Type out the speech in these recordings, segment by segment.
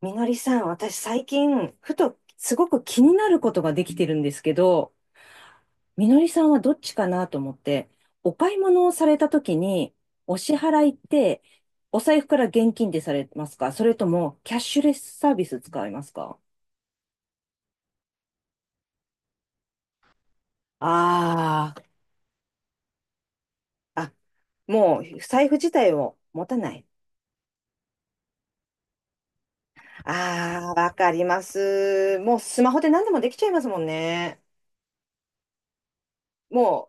みのりさん、私最近、ふとすごく気になることができてるんですけど、みのりさんはどっちかなと思って、お買い物をされた時に、お支払いって、お財布から現金でされますか？それとも、キャッシュレスサービス使いますか？ああー、あ、もう、財布自体を持たない。ああ、わかります。もうスマホで何でもできちゃいますもんね。もう、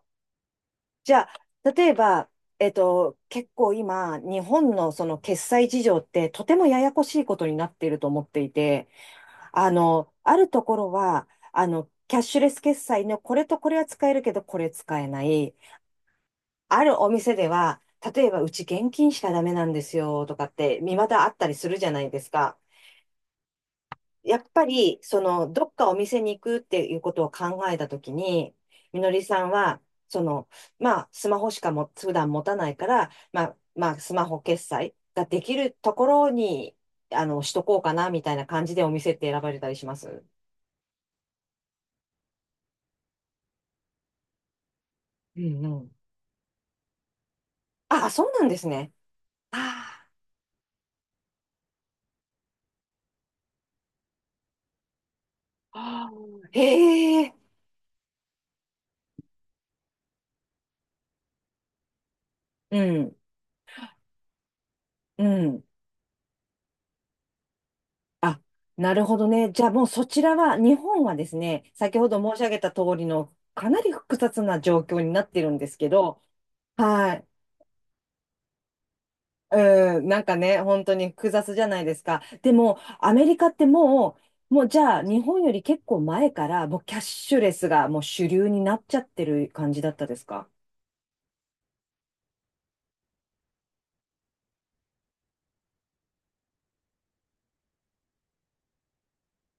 じゃあ、例えば、結構今、日本のその決済事情ってとてもややこしいことになっていると思っていて、あるところは、キャッシュレス決済のこれとこれは使えるけど、これ使えない。あるお店では、例えばうち現金しかダメなんですよとかって、未だあったりするじゃないですか。やっぱり、どっかお店に行くっていうことを考えたときに、みのりさんは、その、まあ、スマホしかも、普段持たないから、まあ、まあ、スマホ決済ができるところに、しとこうかな、みたいな感じでお店って選ばれたりします？うんうん。ああ、そうなんですね。ああ、あ、へえ、うん、うん。あ、なるほどね。じゃあもうそちらは、日本はですね、先ほど申し上げた通りのかなり複雑な状況になってるんですけど、はい。うん、なんかね、本当に複雑じゃないですか。でも、アメリカってもうじゃあ日本より結構前から、もうキャッシュレスがもう主流になっちゃってる感じだったですか？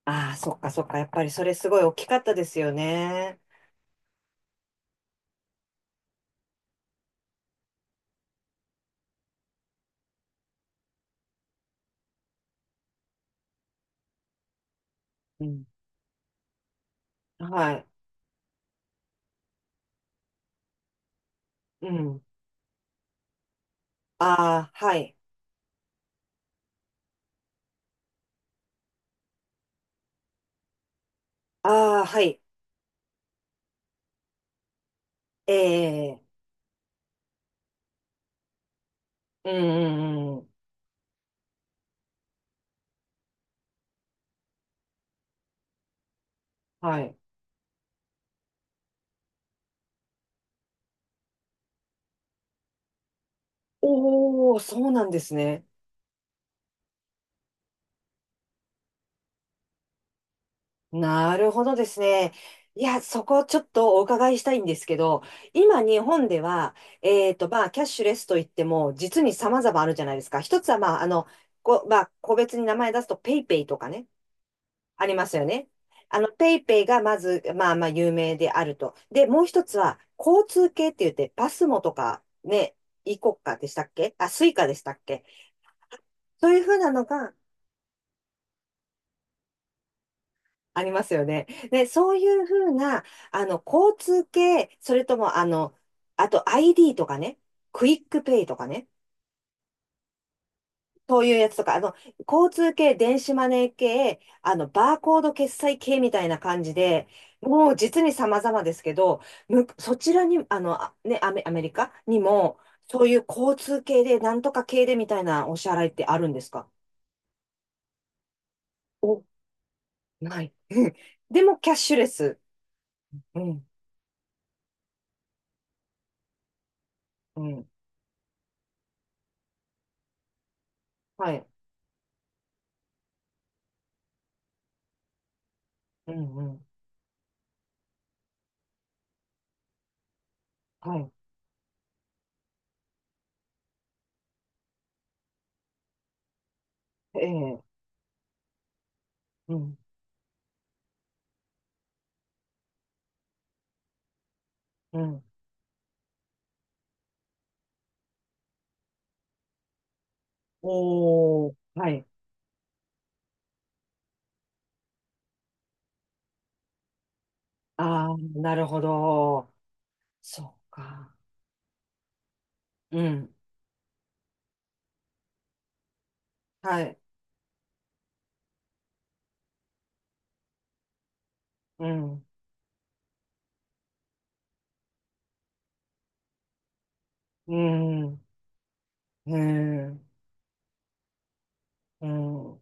ああー、そっかそっか。やっぱりそれすごい大きかったですよね。うん。はい。うん。ああ、はい。ああ、はい。ええ、うんうん、はい。おー、そうなんですね。なるほどですね。いや、そこちょっとお伺いしたいんですけど、今日本では、まあ、キャッシュレスといっても、実に様々あるじゃないですか。一つは、まあ、まあ、個別に名前出すと、ペイペイとかね、ありますよね。ペイペイがまず、まあまあ、有名であると。で、もう一つは、交通系って言って、パスモとか、ね、イコカでしたっけ？あ、スイカでしたっけ？そういうふうなのが、ありますよね。ね、そういうふうな、交通系、それとも、あと ID とかね、クイックペイとかね、そういうやつとか、交通系、電子マネー系、バーコード決済系みたいな感じで、もう実に様々ですけど、む、そちらに、アメリカにも、そういう交通系で、なんとか系でみたいなお支払いってあるんですか？お、ない。でも、キャッシュレス。うん、うん、はい。うん、うん。はい、ええ、うん、うん。おお、はい。ああ、なるほど。そうか。うん。はい。うん。うん。うん。うん。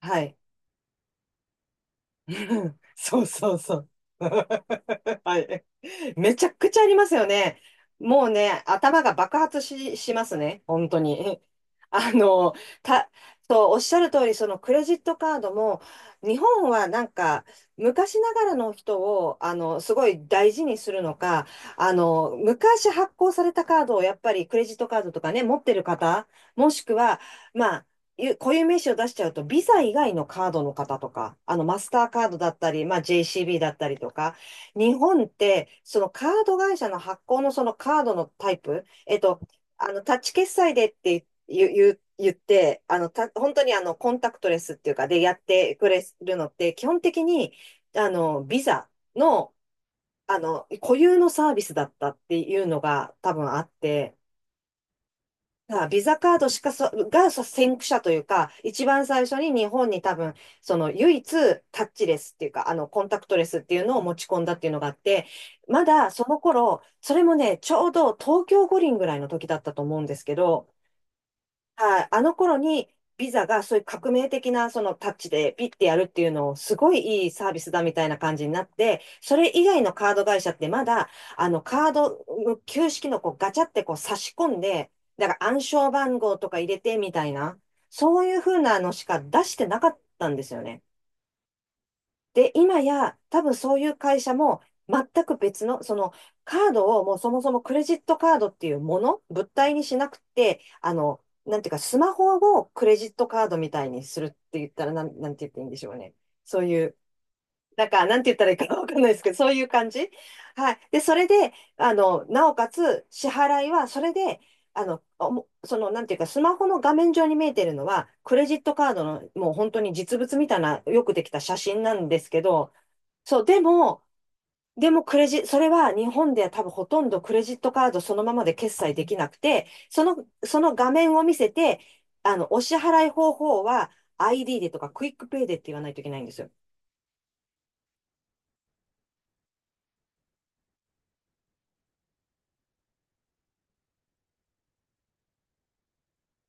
はい。うん、そうそうそう。はい。めちゃくちゃありますよね。もうね、頭が爆発しますね。本当に。あの、た、おっしゃる通り、そのクレジットカードも、日本はなんか、昔ながらの人を、すごい大事にするのか、昔発行されたカードを、やっぱりクレジットカードとかね、持ってる方、もしくは、まゆ固有名詞を出しちゃうと、ビザ以外のカードの方とか、マスターカードだったり、まあ、JCB だったりとか、日本って、そのカード会社の発行のそのカードのタイプ、タッチ決済でって言って、本当にコンタクトレスっていうか、でやってくれるのって、基本的に、ビザの、固有のサービスだったっていうのが多分あって、さあ、ビザカードしかそ、がさ先駆者というか、一番最初に日本に多分、その唯一タッチレスっていうか、コンタクトレスっていうのを持ち込んだっていうのがあって、まだその頃、それもね、ちょうど東京五輪ぐらいの時だったと思うんですけど、はい、あの頃にビザがそういう革命的なそのタッチでピッてやるっていうのをすごいいいサービスだみたいな感じになって、それ以外のカード会社ってまだあのカードの旧式のこうガチャってこう差し込んで、だから暗証番号とか入れてみたいな、そういう風なのしか出してなかったんですよね。で、今や、多分そういう会社も、全く別の、その、カードをもうそもそもクレジットカードっていうもの、物体にしなくて、なんていうか、スマホをクレジットカードみたいにするって言ったら、なんて言っていいんでしょうね。そういう、なんか、なんて言ったらいいかわかんないですけど、そういう感じ。はい。で、それで、なおかつ、支払いは、それで、おもその、なんていうか、スマホの画面上に見えてるのは、クレジットカードの、もう本当に実物みたいな、よくできた写真なんですけど、そう、でも、でもクレジ、それは日本では多分ほとんどクレジットカードそのままで決済できなくて、その画面を見せて、お支払い方法は ID でとかクイックペイでって言わないといけないんですよ。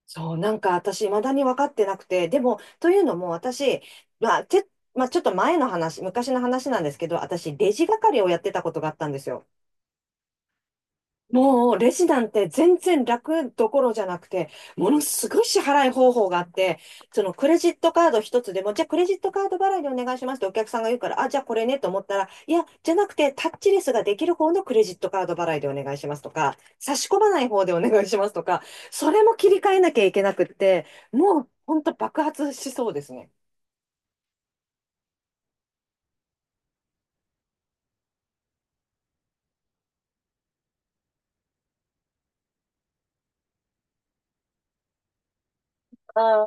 そう、なんか私、未だに分かってなくて、でも、というのも私、まあ、て、まあ、ちょっと前の話、昔の話なんですけど、私、レジ係をやってたことがあったんですよ。もうレジなんて全然楽どころじゃなくて、ものすごい支払い方法があって、そのクレジットカード一つでも、じゃあクレジットカード払いでお願いしますってお客さんが言うから、あ、じゃあこれねと思ったら、いや、じゃなくてタッチレスができる方のクレジットカード払いでお願いしますとか、差し込まない方でお願いしますとか、それも切り替えなきゃいけなくって、もう本当爆発しそうですね。あ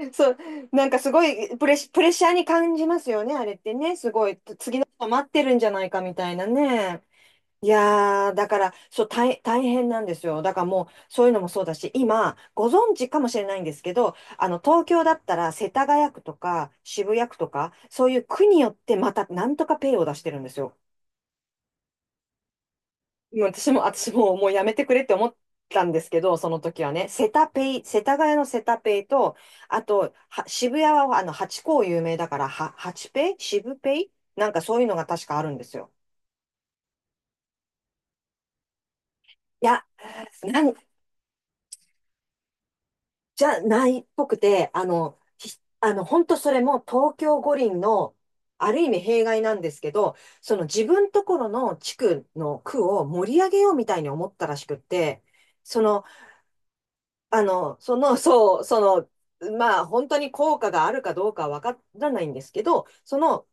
ー、そう、なんかすごいプレッシャーに感じますよね、あれってね。すごい、次の人待ってるんじゃないかみたいなね。いやー、だから、そう、大変なんですよ。だからもう、そういうのもそうだし、今、ご存知かもしれないんですけど、東京だったら、世田谷区とか、渋谷区とか、そういう区によって、また、なんとかペイを出してるんですよ。もう私も、私も、もうやめてくれって思ったんですけど、その時はね、セタペイ、世田谷のセタペイと、あと、渋谷は、ハチ公有名だから、ハチペイ渋ペイなんかそういうのが確かあるんですよ。いや、なんじゃないっぽくて、あの、ひあの、本当それも東京五輪の、ある意味弊害なんですけど、その自分ところの地区の区を盛り上げようみたいに思ったらしくって、その、そう、まあ、本当に効果があるかどうかはわからないんですけど、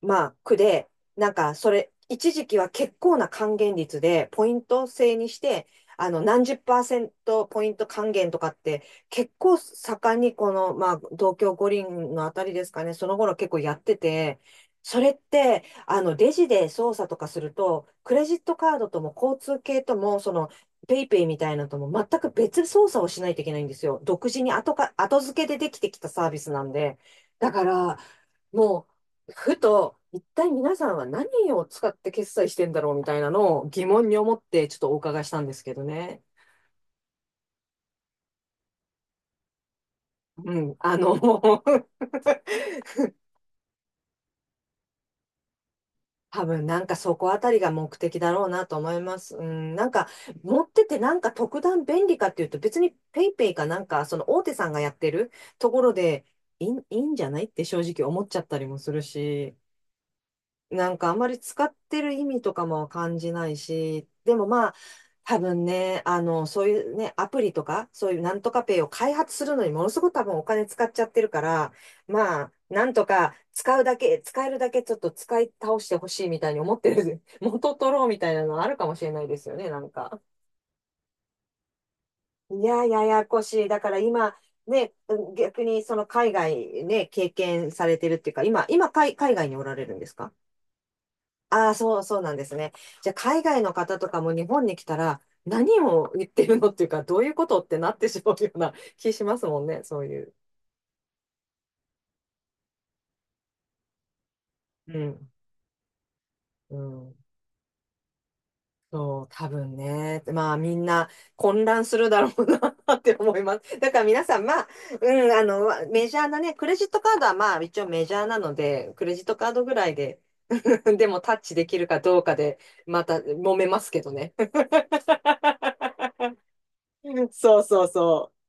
まあ、区で、なんか、それ、一時期は結構な還元率で、ポイント制にして、何十パーセントポイント還元とかって、結構盛んに、まあ、東京五輪のあたりですかね、その頃結構やってて、それって、レジで操作とかすると、クレジットカードとも交通系とも、ペイペイみたいなのとも全く別操作をしないといけないんですよ。独自に後付けでできてきたサービスなんで。だから、もう、ふと、一体皆さんは何を使って決済してんだろうみたいなのを疑問に思ってちょっとお伺いしたんですけどね。うん、多分なんかそこあたりが目的だろうなと思います。うん、なんか持っててなんか特段便利かっていうと別にペイペイかなんかその大手さんがやってるところでいいんじゃないって正直思っちゃったりもするし。なんかあんまり使ってる意味とかも感じないし、でもまあ、多分ね、そういうね、アプリとか、そういうなんとかペイを開発するのにものすごく多分お金使っちゃってるから、まあ、なんとか使うだけ、使えるだけちょっと使い倒してほしいみたいに思ってる、元取ろうみたいなのあるかもしれないですよね、なんか。いや、ややこしい。だから今、ね、逆にその海外ね、経験されてるっていうか、今、今海、海外におられるんですか？ああ、そう、そうなんですね。じゃあ、海外の方とかも日本に来たら、何を言ってるのっていうか、どういうことってなってしまうような気しますもんね、そういう。うん。うん。そう、多分ね。まあ、みんな混乱するだろうな って思います。だから皆さん、まあ、うん、メジャーなね、クレジットカードはまあ、一応メジャーなので、クレジットカードぐらいで、でもタッチできるかどうかで、また揉めますけどね。そうそうそう。